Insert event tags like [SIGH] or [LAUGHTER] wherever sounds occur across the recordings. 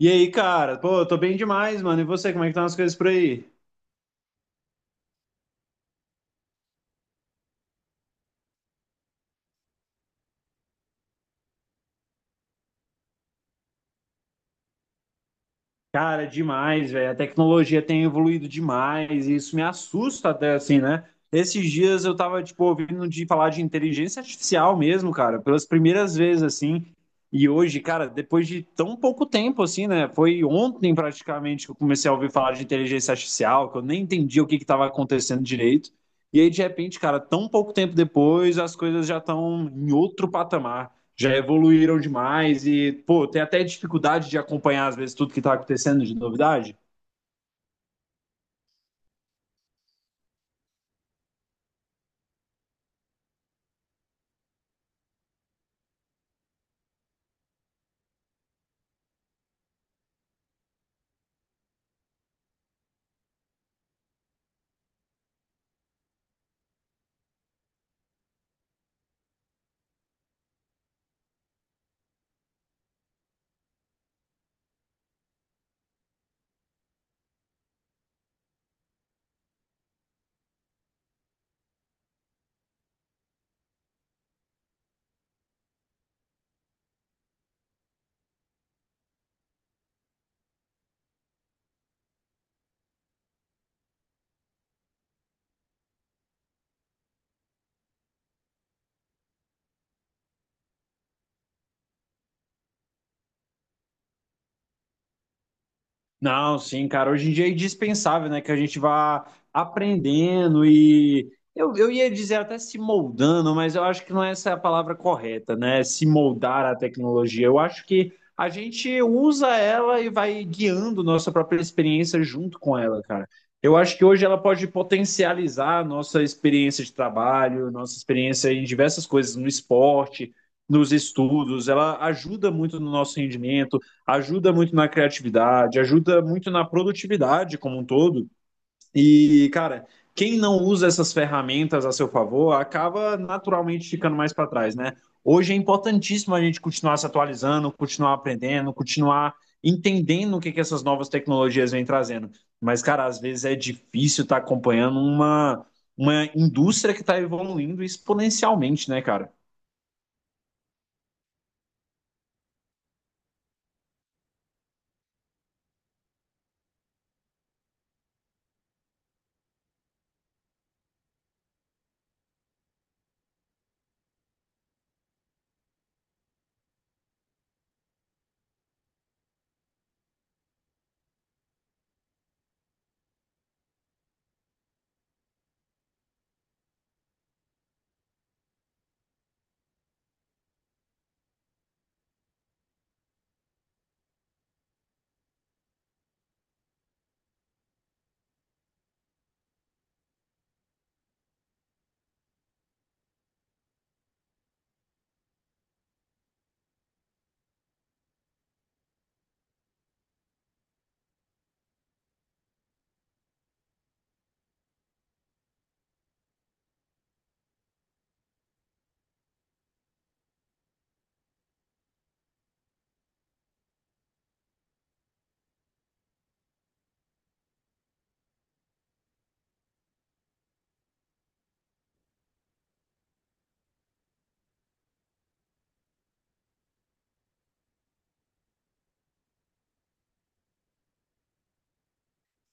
E aí, cara? Pô, eu tô bem demais, mano. E você, como é que estão as coisas por aí? Cara, demais, velho. A tecnologia tem evoluído demais e isso me assusta até assim, né? Esses dias eu tava, tipo, ouvindo de falar de inteligência artificial mesmo, cara, pelas primeiras vezes, assim. E hoje, cara, depois de tão pouco tempo, assim, né? Foi ontem praticamente que eu comecei a ouvir falar de inteligência artificial, que eu nem entendia o que que tava acontecendo direito. E aí, de repente, cara, tão pouco tempo depois, as coisas já estão em outro patamar, já evoluíram demais e, pô, tem até dificuldade de acompanhar, às vezes, tudo que está acontecendo de novidade. Não, sim, cara. Hoje em dia é indispensável, né, que a gente vá aprendendo e eu ia dizer até se moldando, mas eu acho que não é essa a palavra correta, né? Se moldar à tecnologia. Eu acho que a gente usa ela e vai guiando nossa própria experiência junto com ela, cara. Eu acho que hoje ela pode potencializar a nossa experiência de trabalho, nossa experiência em diversas coisas, no esporte, nos estudos. Ela ajuda muito no nosso rendimento, ajuda muito na criatividade, ajuda muito na produtividade como um todo. E, cara, quem não usa essas ferramentas a seu favor acaba naturalmente ficando mais para trás, né? Hoje é importantíssimo a gente continuar se atualizando, continuar aprendendo, continuar entendendo o que, que essas novas tecnologias vêm trazendo. Mas, cara, às vezes é difícil estar acompanhando uma indústria que está evoluindo exponencialmente, né, cara?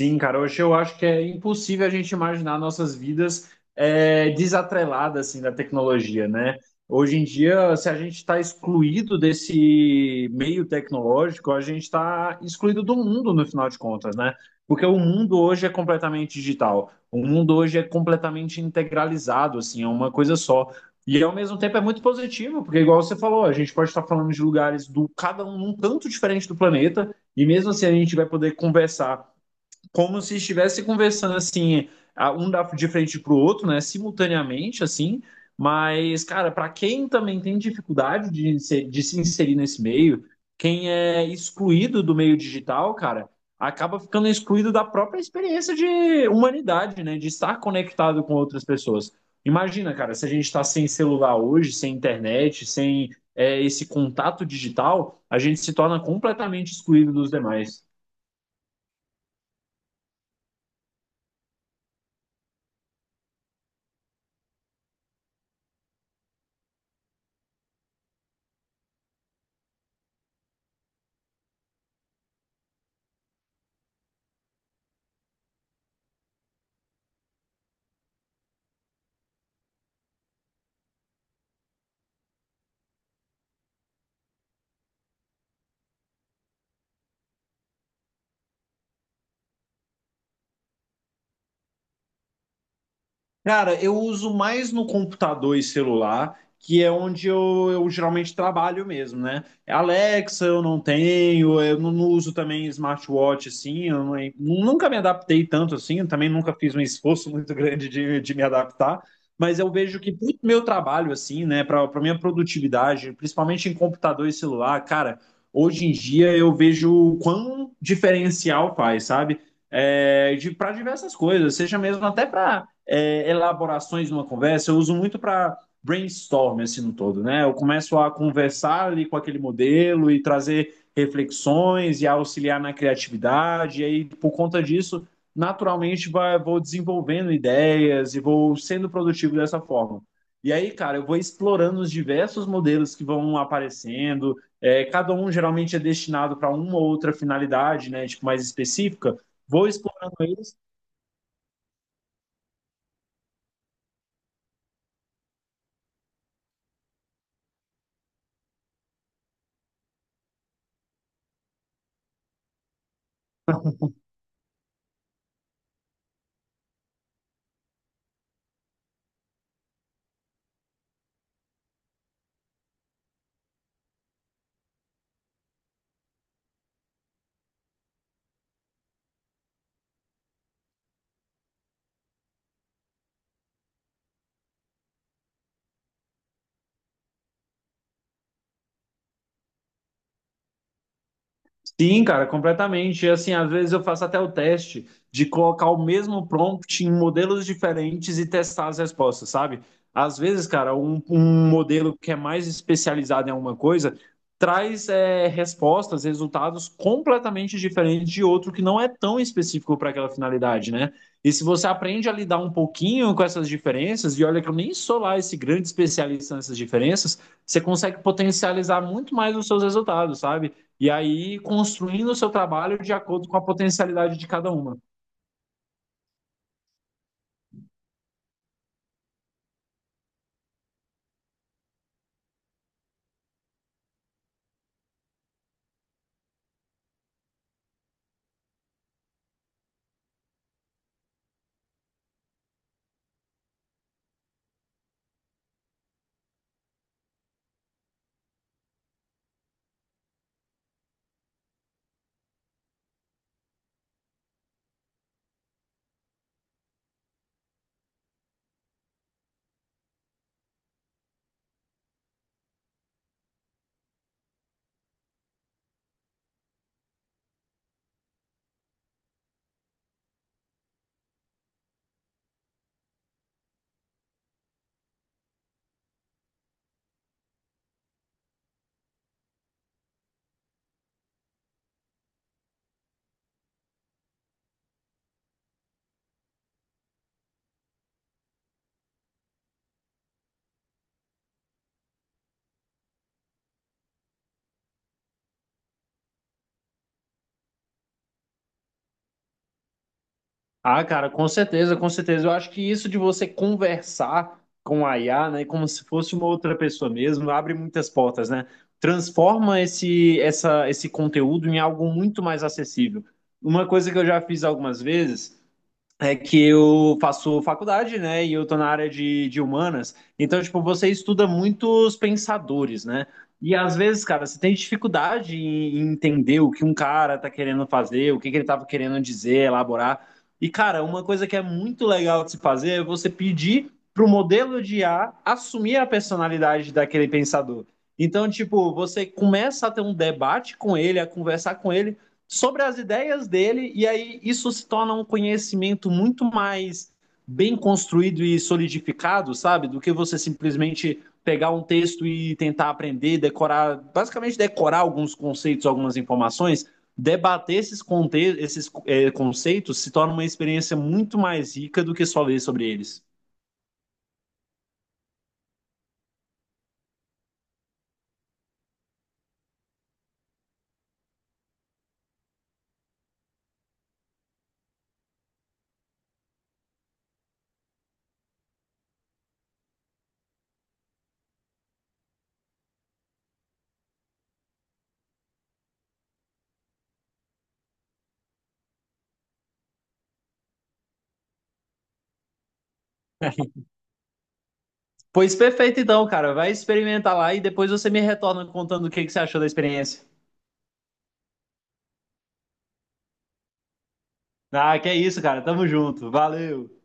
Sim, cara, hoje eu acho que é impossível a gente imaginar nossas vidas desatreladas assim, da tecnologia, né? Hoje em dia, se a gente está excluído desse meio tecnológico, a gente está excluído do mundo, no final de contas, né? Porque o mundo hoje é completamente digital, o mundo hoje é completamente integralizado, assim, é uma coisa só. E ao mesmo tempo é muito positivo, porque igual você falou, a gente pode estar falando de lugares do cada um num canto diferente do planeta, e mesmo assim a gente vai poder conversar como se estivesse conversando assim, um dá de frente pro outro, né, simultaneamente, assim. Mas, cara, para quem também tem dificuldade de se inserir nesse meio, quem é excluído do meio digital, cara, acaba ficando excluído da própria experiência de humanidade, né, de estar conectado com outras pessoas. Imagina, cara, se a gente está sem celular hoje, sem internet, sem esse contato digital, a gente se torna completamente excluído dos demais. Cara, eu uso mais no computador e celular, que é onde eu geralmente trabalho mesmo, né? É, Alexa eu não tenho, eu não uso também smartwatch assim, eu nunca me adaptei tanto assim, eu também nunca fiz um esforço [LAUGHS] muito grande de me adaptar, mas eu vejo que pro meu trabalho assim, né, para minha produtividade, principalmente em computador e celular, cara, hoje em dia eu vejo o quão diferencial faz, sabe? É, de, para diversas coisas, seja mesmo até para elaborações numa conversa, eu uso muito para brainstorm assim no todo, né? Eu começo a conversar ali com aquele modelo e trazer reflexões e auxiliar na criatividade, e aí por conta disso, naturalmente vou desenvolvendo ideias e vou sendo produtivo dessa forma. E aí, cara, eu vou explorando os diversos modelos que vão aparecendo. É, cada um geralmente é destinado para uma ou outra finalidade, né, tipo mais específica. Vou explorando eles. Sim, cara, completamente. E, assim, às vezes eu faço até o teste de colocar o mesmo prompt em modelos diferentes e testar as respostas, sabe? Às vezes, cara, um, modelo que é mais especializado em alguma coisa traz respostas, resultados completamente diferentes de outro que não é tão específico para aquela finalidade, né? E se você aprende a lidar um pouquinho com essas diferenças, e olha que eu nem sou lá esse grande especialista nessas diferenças, você consegue potencializar muito mais os seus resultados, sabe? E aí construindo o seu trabalho de acordo com a potencialidade de cada uma. Ah, cara, com certeza, com certeza. Eu acho que isso de você conversar com a IA, né, como se fosse uma outra pessoa mesmo, abre muitas portas, né? Transforma esse, essa, esse conteúdo em algo muito mais acessível. Uma coisa que eu já fiz algumas vezes é que eu faço faculdade, né? E eu tô na área de humanas. Então, tipo, você estuda muitos pensadores, né? E às vezes, cara, você tem dificuldade em entender o que um cara tá querendo fazer, o que que ele tava querendo dizer, elaborar. E, cara, uma coisa que é muito legal de se fazer é você pedir pro modelo de IA assumir a personalidade daquele pensador. Então, tipo, você começa a ter um debate com ele, a conversar com ele sobre as ideias dele, e aí isso se torna um conhecimento muito mais bem construído e solidificado, sabe? Do que você simplesmente pegar um texto e tentar aprender, decorar, basicamente decorar alguns conceitos, algumas informações, debater esses conceitos se torna uma experiência muito mais rica do que só ler sobre eles. Pois perfeito, então, cara. Vai experimentar lá e depois você me retorna contando o que, que você achou da experiência. Ah, que é isso, cara. Tamo junto. Valeu.